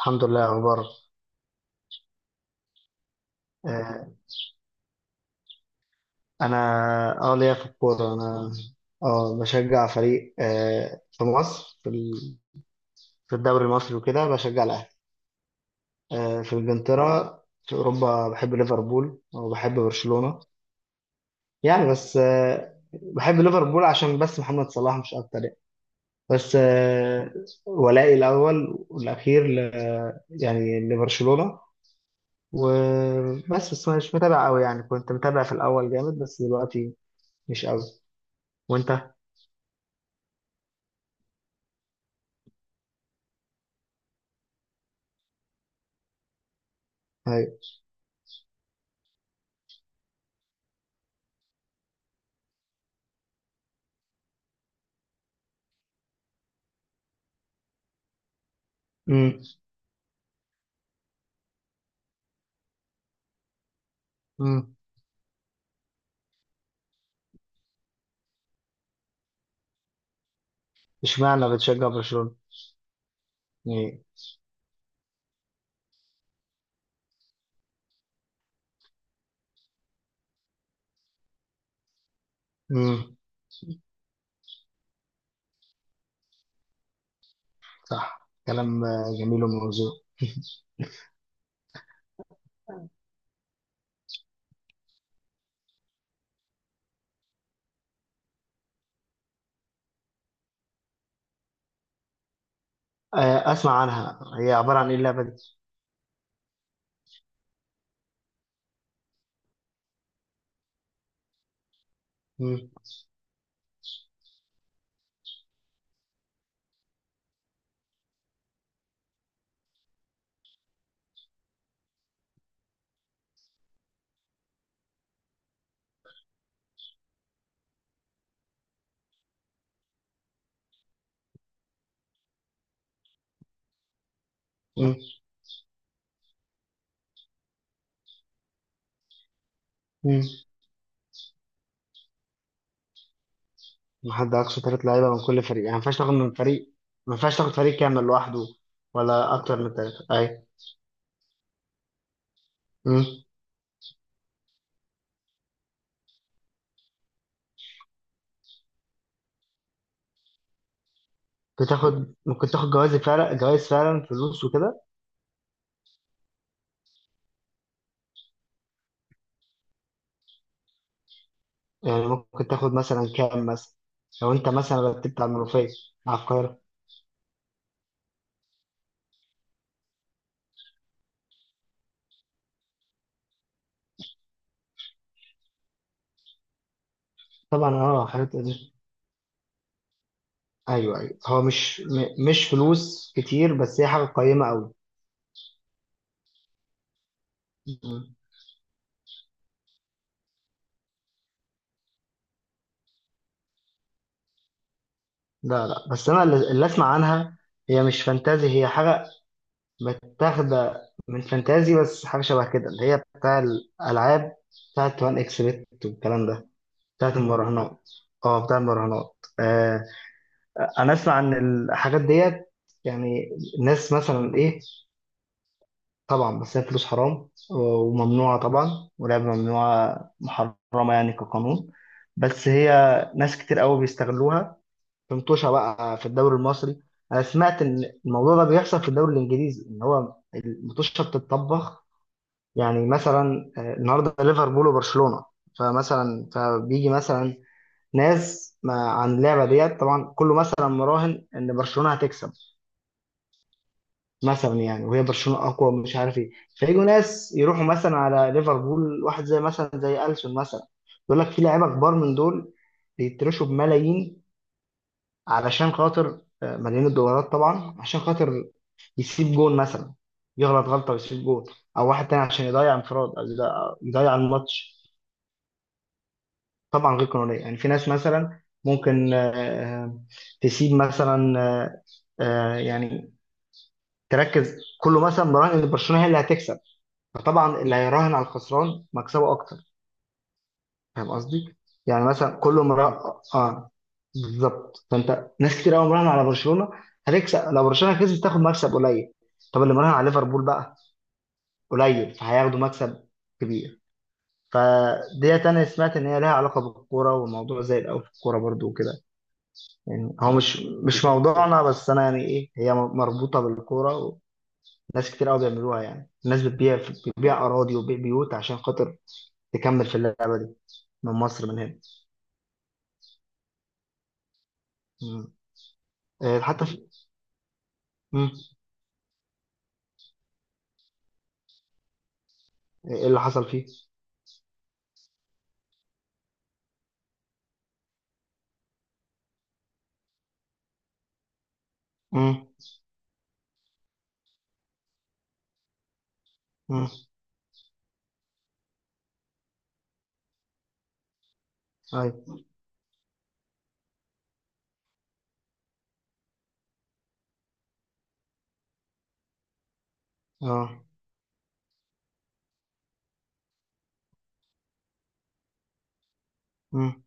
الحمد لله. اخبار آه، انا اه ليا في الكوره. انا اه بشجع فريق في مصر، في في الدوري المصري وكده بشجع الاهلي. في انجلترا، في اوروبا بحب ليفربول وبحب برشلونه، يعني. بس بحب ليفربول عشان بس محمد صلاح، مش اكتر يعني. بس ولائي الاول والاخير يعني لبرشلونه. وبس مش متابع قوي يعني، كنت متابع في الاول جامد، بس دلوقتي مش قوي. وانت؟ امم امم. اشمعنى بتشجع برشلونة؟ يعني امم. صح، كلام جميل وموزون. اسمع عنها، هي عبارة عن ايه اللعبة دي؟ امم امم امم. ما حد اقصى ثلاث لعيبة من كل فريق، يعني ما ينفعش تاخد من فريق، ما ينفعش تاخد فريق كامل لوحده، ولا اكتر من ثلاثة، اي. امم. ممكن تاخد جوائز فعلا، جوائز فعلا، فلوس وكده يعني؟ ممكن تاخد مثلا كام مثلا، لو انت مثلا رتبت على المنوفية، على القاهرة. طبعا. اه، حلو. ايوه، ايوه، هو مش مش فلوس كتير، بس هي حاجه قيمه قوي. مم. لا، لا، بس انا اللي اسمع عنها، هي مش فانتازي، هي حاجه متاخده من فانتازي، بس حاجه شبه كده، اللي هي بتاع الالعاب، بتاعت وان اكس بت والكلام ده، بتاعت المراهنات. اه، بتاع المراهنات انا اسمع عن الحاجات ديت يعني. الناس مثلا ايه؟ طبعا، بس هي فلوس حرام وممنوعة طبعا، ولعبة ممنوعة محرمة يعني كقانون. بس هي، ناس كتير قوي بيستغلوها في مطوشة بقى في الدوري المصري. أنا سمعت إن الموضوع ده بيحصل في الدوري الإنجليزي، إن هو المطوشة بتتطبخ. يعني مثلا النهاردة ليفربول وبرشلونة، فمثلا فبيجي مثلا ناس ما عن اللعبة ديت، طبعا كله مثلا مراهن إن برشلونة هتكسب مثلا يعني. وهي برشلونه اقوى، مش عارف ايه، فيجوا ناس يروحوا مثلا على ليفربول، واحد زي مثلا زي السون مثلا، يقول لك في لعيبه كبار من دول بيترشوا بملايين، علشان خاطر ملايين الدولارات طبعا، عشان خاطر يسيب جون مثلا، يغلط غلطه ويسيب جون، او واحد تاني عشان يضيع انفراد، أو يضيع الماتش. طبعا غير قانونيه، يعني في ناس مثلا ممكن تسيب مثلا يعني تركز. كله مثلا مراهن ان برشلونه هي اللي هتكسب، فطبعا اللي هيراهن على الخسران مكسبه اكتر، فاهم قصدي؟ يعني مثلا كل فاهم مره. اه، بالظبط. فانت، ناس كتير قوي مراهن على برشلونه هتكسب، لو برشلونه كسبت تاخد مكسب قليل. طب اللي مراهن على ليفربول بقى قليل، فهياخدوا مكسب كبير. فدي انا سمعت ان هي لها علاقه بالكوره، والموضوع زي الاول في الكوره برضو وكده يعني. هو مش بالظبط موضوعنا، بس انا يعني ايه، هي مربوطه بالكوره، وناس كتير قوي بيعملوها. يعني الناس بتبيع اراضي وبيع بيوت عشان خاطر تكمل في اللعبة دي، من مصر من هنا. مم. حتى في. مم. ايه اللي حصل فيه؟ مم. مم. ايوه. اه. مم.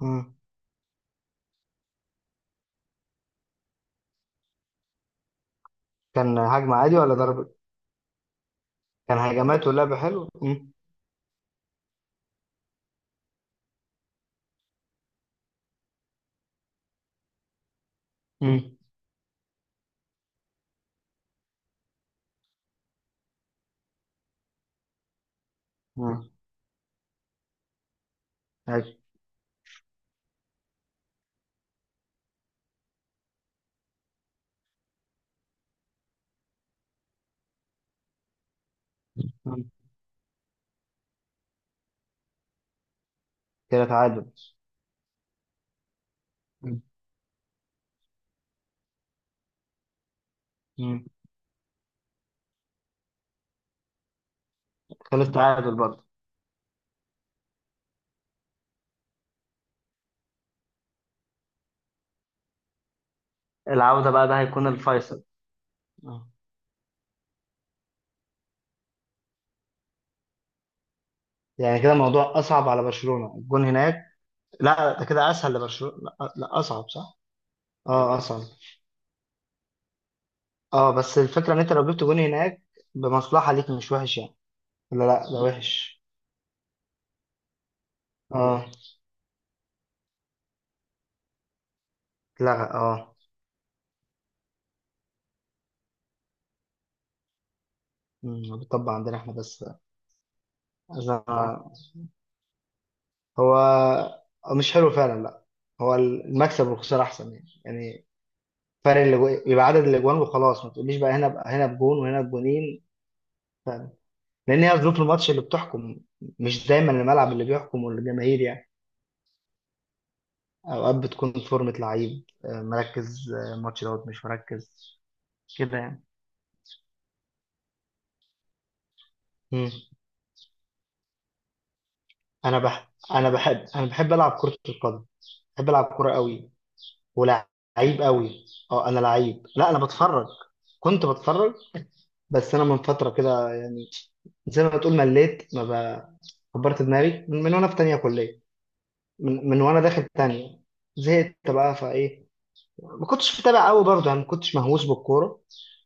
مم. كان هجمة عادي ولا ضرب؟ كان هجمات واللعب حلو. مم. مم. مم. أيوة. مم. كده تعادل. مم. مم. خلص تعادل برضه. العودة بقى، ده هيكون الفيصل. آه. يعني كده الموضوع أصعب على برشلونة، الجون هناك؟ لا، ده كده أسهل لبرشلونة، لا، لا، أصعب، صح؟ اه، أصعب. اه، بس الفكرة إن أنت لو جبت جون هناك بمصلحة ليك، مش وحش يعني. لا، لا، ده وحش. اه. لا. اه. بيطبق عندنا احنا بس. أنا. هو. مش حلو فعلا، لا. هو المكسب والخسارة احسن يعني، فرق يبقى عدد الاجوان وخلاص. ما تقوليش بقى هنا بجون وهنا بجونين، لان هي ظروف الماتش اللي بتحكم، مش دايما الملعب اللي بيحكم والجماهير يعني. اوقات بتكون فورمة لعيب مركز، الماتش دوت، مش مركز كده يعني. مم. انا بحب العب كرة القدم، بحب العب كرة قوي، ولعيب قوي. اه انا لعيب، لا انا بتفرج، كنت بتفرج. بس انا من فتره كده يعني، زي ما تقول مليت، ما ب- كبرت دماغي من وانا في تانية كليه، من وانا داخل تانية. زهقت بقى فايه. ما كنتش متابع قوي برضه يعني، ما كنتش مهووس بالكوره،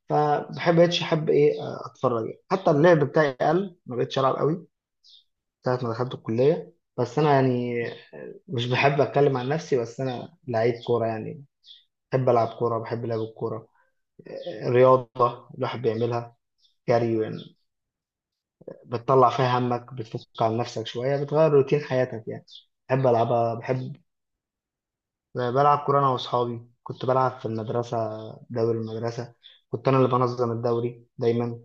فبحب بقتش احب ايه، اتفرج يعني. حتى اللعب بتاعي قل، ما بقتش العب قوي ساعه ما دخلت الكليه. بس انا يعني، مش بحب اتكلم عن نفسي، بس انا لعيب كوره يعني، بحب العب كوره، بحب لعب الكوره. رياضة الواحد بيعملها، جري يعني، بتطلع فيها همك، بتفك عن نفسك شوية، بتغير روتين حياتك يعني. بحب ألعبها، بحب بلعب كورة، أنا وأصحابي كنت بلعب في المدرسة، دوري المدرسة. كنت أنا اللي بنظم الدوري دايما،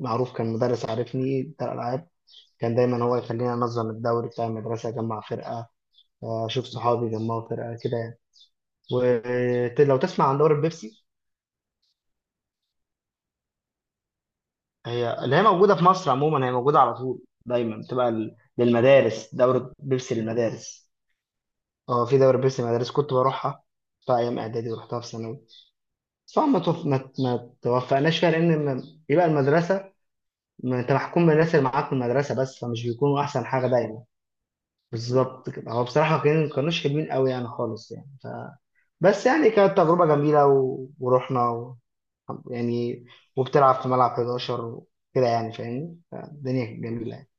معروف، كان مدرس عارفني بتاع الألعاب، كان دايما هو يخليني أنظم الدوري بتاع المدرسة، أجمع فرقة، أشوف صحابي يجمعوا فرقة كده يعني. ولو تسمع عن دوري البيبسي، هي اللي هي موجودة في مصر عموما، هي موجودة على طول دايما، بتبقى للمدارس، دورة بيبسي للمدارس. اه، في دورة بيبسي للمدارس كنت بروحها في أيام إعدادي، ورحتها في ثانوي. طبعا ما توفقناش فيها، لأن يبقى المدرسة، ما أنت محكوم بالناس اللي معاك في المدرسة بس، فمش بيكونوا أحسن حاجة دايما. بالظبط كده، هو بصراحة ما كانوش حلوين قوي يعني خالص يعني بس يعني كانت تجربة جميلة ورحنا يعني. وبتلعب في ملعب 11 وكده يعني، فاهمني، فالدنيا كانت جميلة يعني.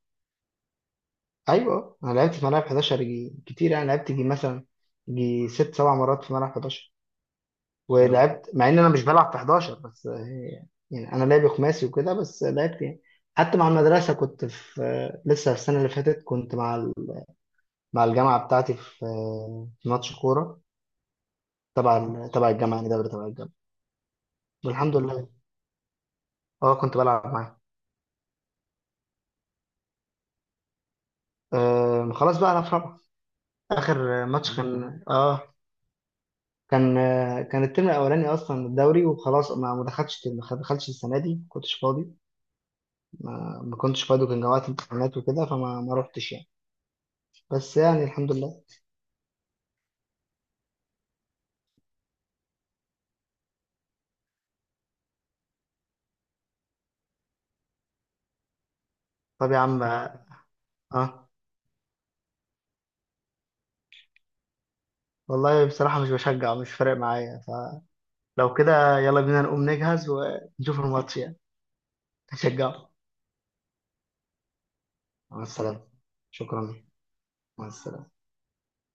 ايوه، انا لعبت في ملاعب 11 جي كتير يعني، لعبت جي مثلا جي ست سبع مرات في ملعب 11. لا، ولعبت مع ان انا مش بلعب في 11، بس يعني انا لعبي خماسي وكده، بس لعبت يعني. حتى مع المدرسه كنت في لسه السنه اللي فاتت كنت مع مع الجامعه بتاعتي في في ماتش كوره تبع تبع الجامعه، يعني دوري تبع الجامعه، والحمد لله. اه، كنت بلعب معاه. آه، خلاص بقى، انا في رابعه. اخر ماتش كان اه كان آه، كان الترم الاولاني اصلا الدوري، وخلاص ما دخلتش السنه دي، ما كنتش فاضي، ما كنتش فاضي، وكان جوات امتحانات وكده، فما ما روحتش يعني. بس يعني الحمد لله. طب يا عم. اه. آه، والله بصراحه مش بشجع، مش فارق معايا، فلو كده يلا بينا نقوم نجهز ونشوف الماتش يعني، نشجعه. مع السلامه. شكرا. مع السلامه.